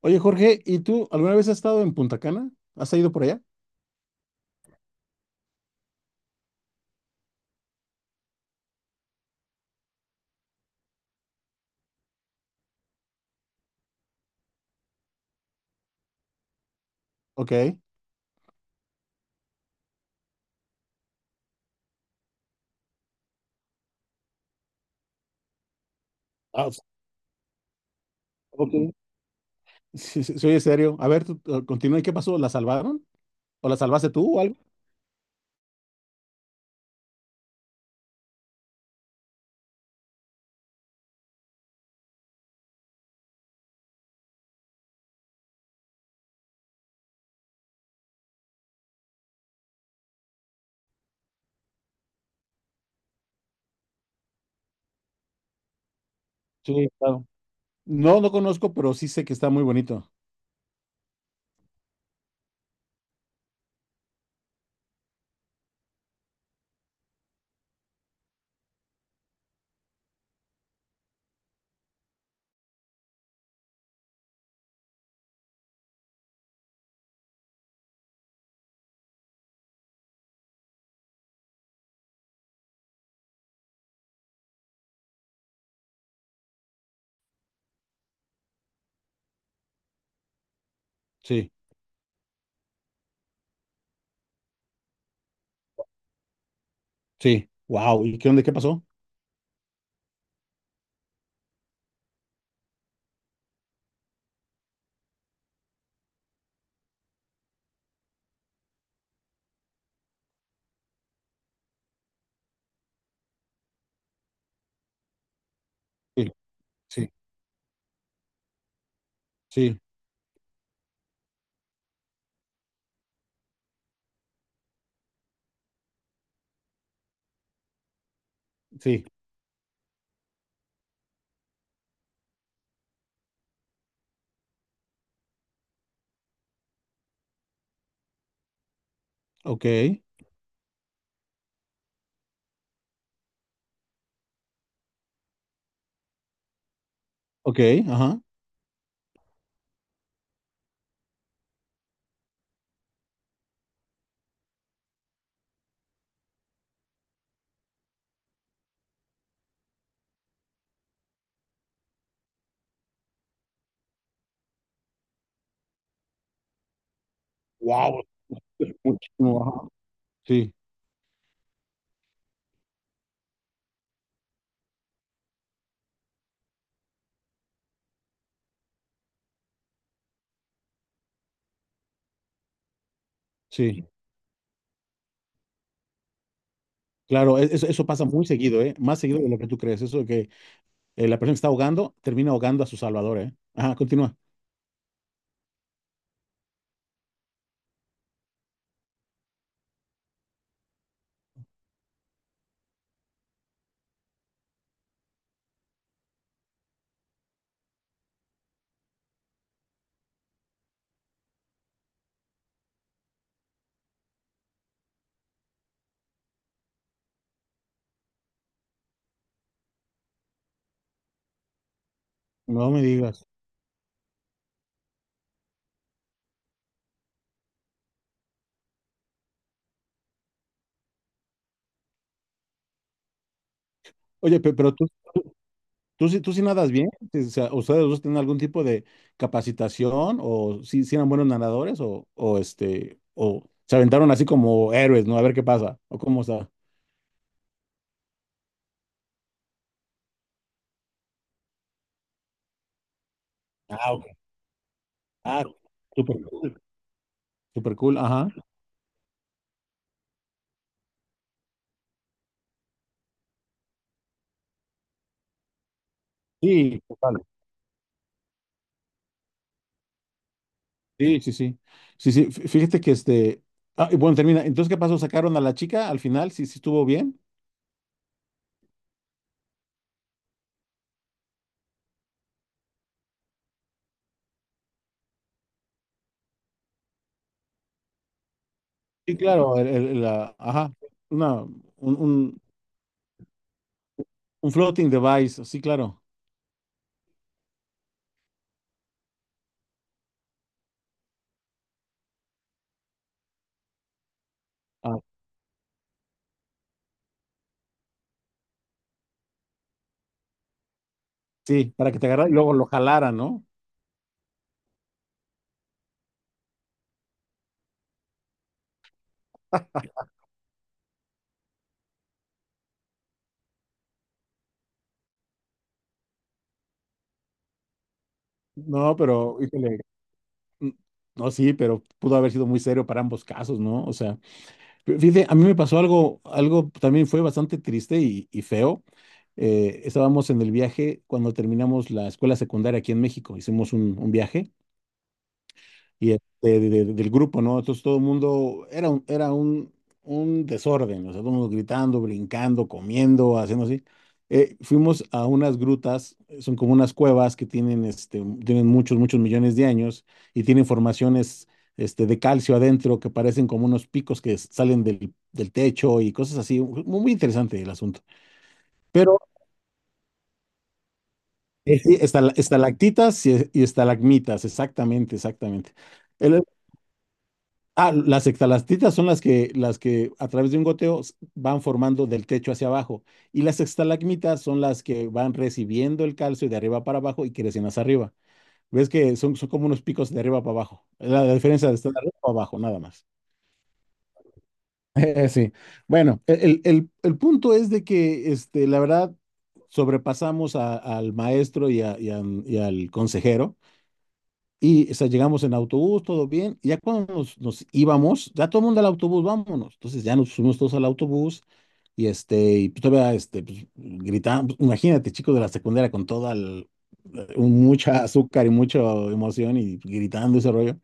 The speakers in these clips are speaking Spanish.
Oye, Jorge, ¿y tú alguna vez has estado en Punta Cana? ¿Has ido por allá? Ok. Ah, ok. Sí, sí, sí, oye, serio. A ver, tú, continúa. ¿Y qué pasó? ¿La salvaron? ¿O la salvaste tú o algo? Sí, claro. No, no conozco, pero sí sé que está muy bonito. Sí, sí. Wow. ¿Y qué onda? ¿Qué pasó? Sí, sí, sí, sí. Ok, ok, ajá. Wow, muchísimo, ajá. Sí, sí. Claro, eso, eso pasa muy seguido, ¿eh? Más seguido de lo que tú crees. Eso de que la persona que está ahogando termina ahogando a su salvador, ¿eh? Ajá, continúa. No me digas. Oye, pero tú, tú sí, tú sí nadas bien. O sea, ¿ustedes dos tienen algún tipo de capacitación o sí, sí eran buenos nadadores o este, o se aventaron así como héroes? ¿No? A ver qué pasa o cómo está. Ah, ok. Ah, súper cool. Súper cool, ajá. Sí, total. Sí, sí, sí. Sí, sí. Fíjate que este. Ah, y bueno, termina. Entonces, ¿qué pasó? ¿Sacaron a la chica al final? ¿Sí, sí estuvo bien? Sí, claro. La, ajá. Una, un floating device. Sí, claro. Ah, sí, para que te agarrara y luego lo jalara, ¿no? No, pero híjole. Mm. No, sí, pero pudo haber sido muy serio para ambos casos, ¿no? O sea, fíjate, a mí me pasó algo, algo también fue bastante triste y feo. Estábamos en el viaje cuando terminamos la escuela secundaria aquí en México, hicimos un viaje y este, del grupo, ¿no? Entonces todo el mundo era era un desorden, o sea, todo el mundo gritando, brincando, comiendo, haciendo así. Fuimos a unas grutas, son como unas cuevas que tienen, este, tienen muchos, muchos millones de años y tienen formaciones, este, de calcio adentro que parecen como unos picos que salen del techo y cosas así. Muy interesante el asunto. Pero sí, estalactitas y estalagmitas, exactamente, exactamente. Ah, las extalactitas son las que a través de un goteo van formando del techo hacia abajo. Y las estalagmitas son las que van recibiendo el calcio de arriba para abajo y crecen hacia arriba. Ves que son, son como unos picos de arriba para abajo. La diferencia de estar de arriba para abajo, nada más. Sí. Bueno, el punto es de que este, la verdad sobrepasamos al maestro y, y al consejero. Y o sea, llegamos en autobús, todo bien. Y ya cuando nos íbamos, ya todo el mundo al autobús, vámonos. Entonces ya nos subimos todos al autobús y este, y pues todavía este, pues, gritamos. Imagínate, chicos de la secundaria con toda mucha azúcar y mucha emoción y gritando ese rollo.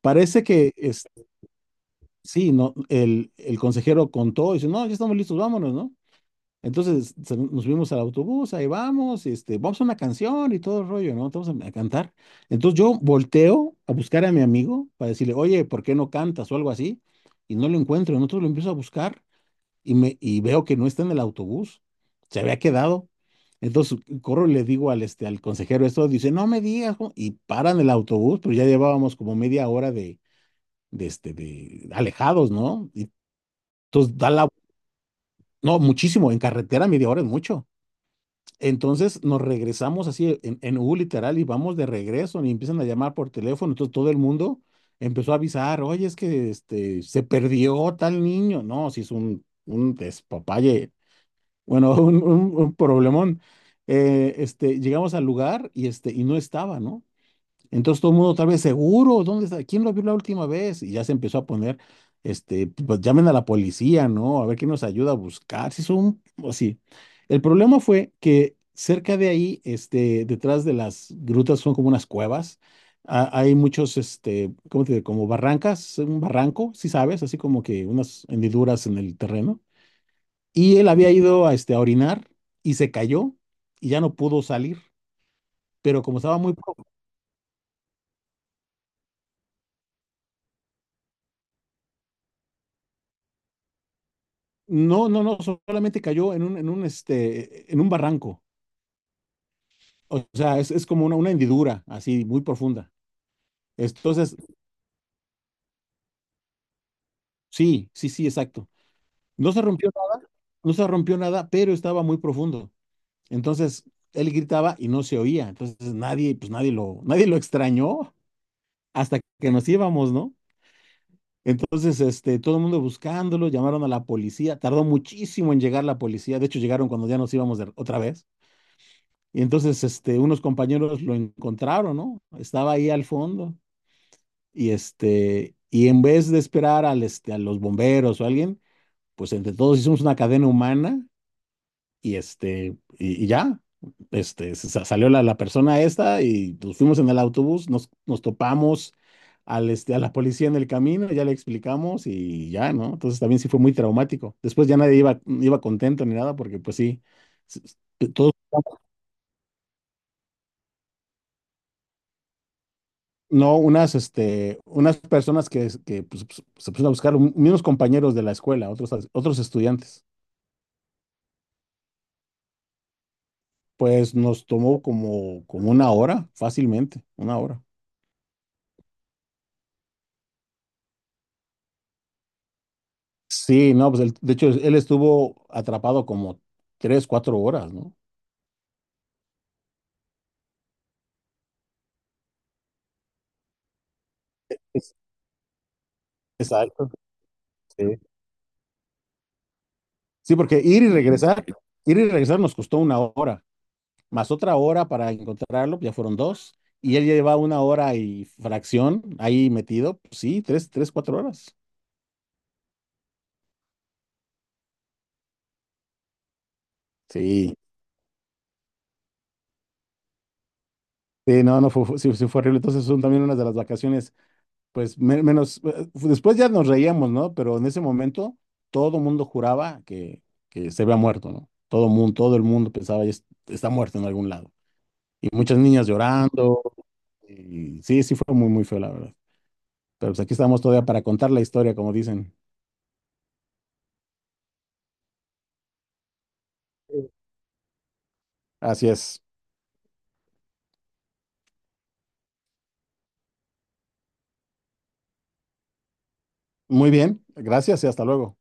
Parece que es, sí, no, el consejero contó y dice, no, ya estamos listos, vámonos, ¿no? Entonces nos subimos al autobús, ahí vamos, este, vamos a una canción y todo el rollo, ¿no? Vamos a cantar. Entonces yo volteo a buscar a mi amigo para decirle, oye, ¿por qué no cantas o algo así? Y no lo encuentro. Entonces lo empiezo a buscar y, me, y veo que no está en el autobús, se había quedado. Entonces corro y le digo al, este, al consejero esto, dice, no me digas, ¿cómo? Y paran el autobús, pero ya llevábamos como media hora de, este, de alejados, ¿no? Y entonces da la, no, muchísimo, en carretera media hora es mucho. Entonces nos regresamos así en U literal y vamos de regreso y empiezan a llamar por teléfono. Entonces todo el mundo empezó a avisar, oye, es que este, se perdió tal niño. No, si es un despapalle, bueno, un, un problemón. Este, llegamos al lugar y, este, y no estaba, ¿no? Entonces todo el mundo tal vez seguro, ¿dónde está? ¿Quién lo vio la última vez? Y ya se empezó a poner, este, pues llamen a la policía, ¿no? A ver quién nos ayuda a buscar, si son, o sí. El problema fue que cerca de ahí, este, detrás de las grutas son como unas cuevas, hay muchos, este, ¿cómo te diré? Como barrancas, un barranco, si sabes, así como que unas hendiduras en el terreno. Y él había ido a, este, a orinar y se cayó y ya no pudo salir, pero como estaba muy no, no, no, solamente cayó en un, este, en un barranco. O sea, es como una hendidura así muy profunda. Entonces, sí, sí, sí, exacto. No se rompió, nada- no se rompió nada, pero estaba muy profundo. Entonces, él gritaba y no se oía. Entonces, nadie, pues nadie lo, nadie lo extrañó hasta que nos íbamos, ¿no? Entonces, este, todo el mundo buscándolo, llamaron a la policía. Tardó muchísimo en llegar la policía. De hecho, llegaron cuando ya nos íbamos otra vez. Y entonces, este, unos compañeros lo encontraron, ¿no? Estaba ahí al fondo y este, y en vez de esperar al, este, a los bomberos o alguien, pues entre todos hicimos una cadena humana y este, y ya, este, salió la, la persona esta y nos fuimos en el autobús, nos, nos topamos al, este, a la policía en el camino, ya le explicamos y ya, ¿no? Entonces también sí fue muy traumático. Después ya nadie iba, iba contento ni nada porque pues sí, s- todos no, unas, este, unas personas que, pues, pues, se pusieron a buscar, unos compañeros de la escuela, otros, otros estudiantes. Pues nos tomó como, como una hora, fácilmente, una hora. Sí, no, pues de hecho él estuvo atrapado como tres, cuatro horas, ¿no? Es- Exacto. Sí. Sí, porque ir y regresar nos costó una hora, más otra hora para encontrarlo, ya fueron dos, y él ya llevaba una hora y fracción ahí metido, pues sí, tres, tres, cuatro horas. Sí. Sí, no, no, fue, sí, sí fue horrible. Entonces son también unas de las vacaciones, pues menos, después ya nos reíamos, ¿no? Pero en ese momento todo mundo juraba que se había muerto, ¿no? Todo mundo, todo el mundo pensaba, "Ya está muerto en algún lado." Y muchas niñas llorando. Y sí, sí fue muy, muy feo, la verdad. Pero pues aquí estamos todavía para contar la historia, como dicen. Así es. Muy bien, gracias y hasta luego.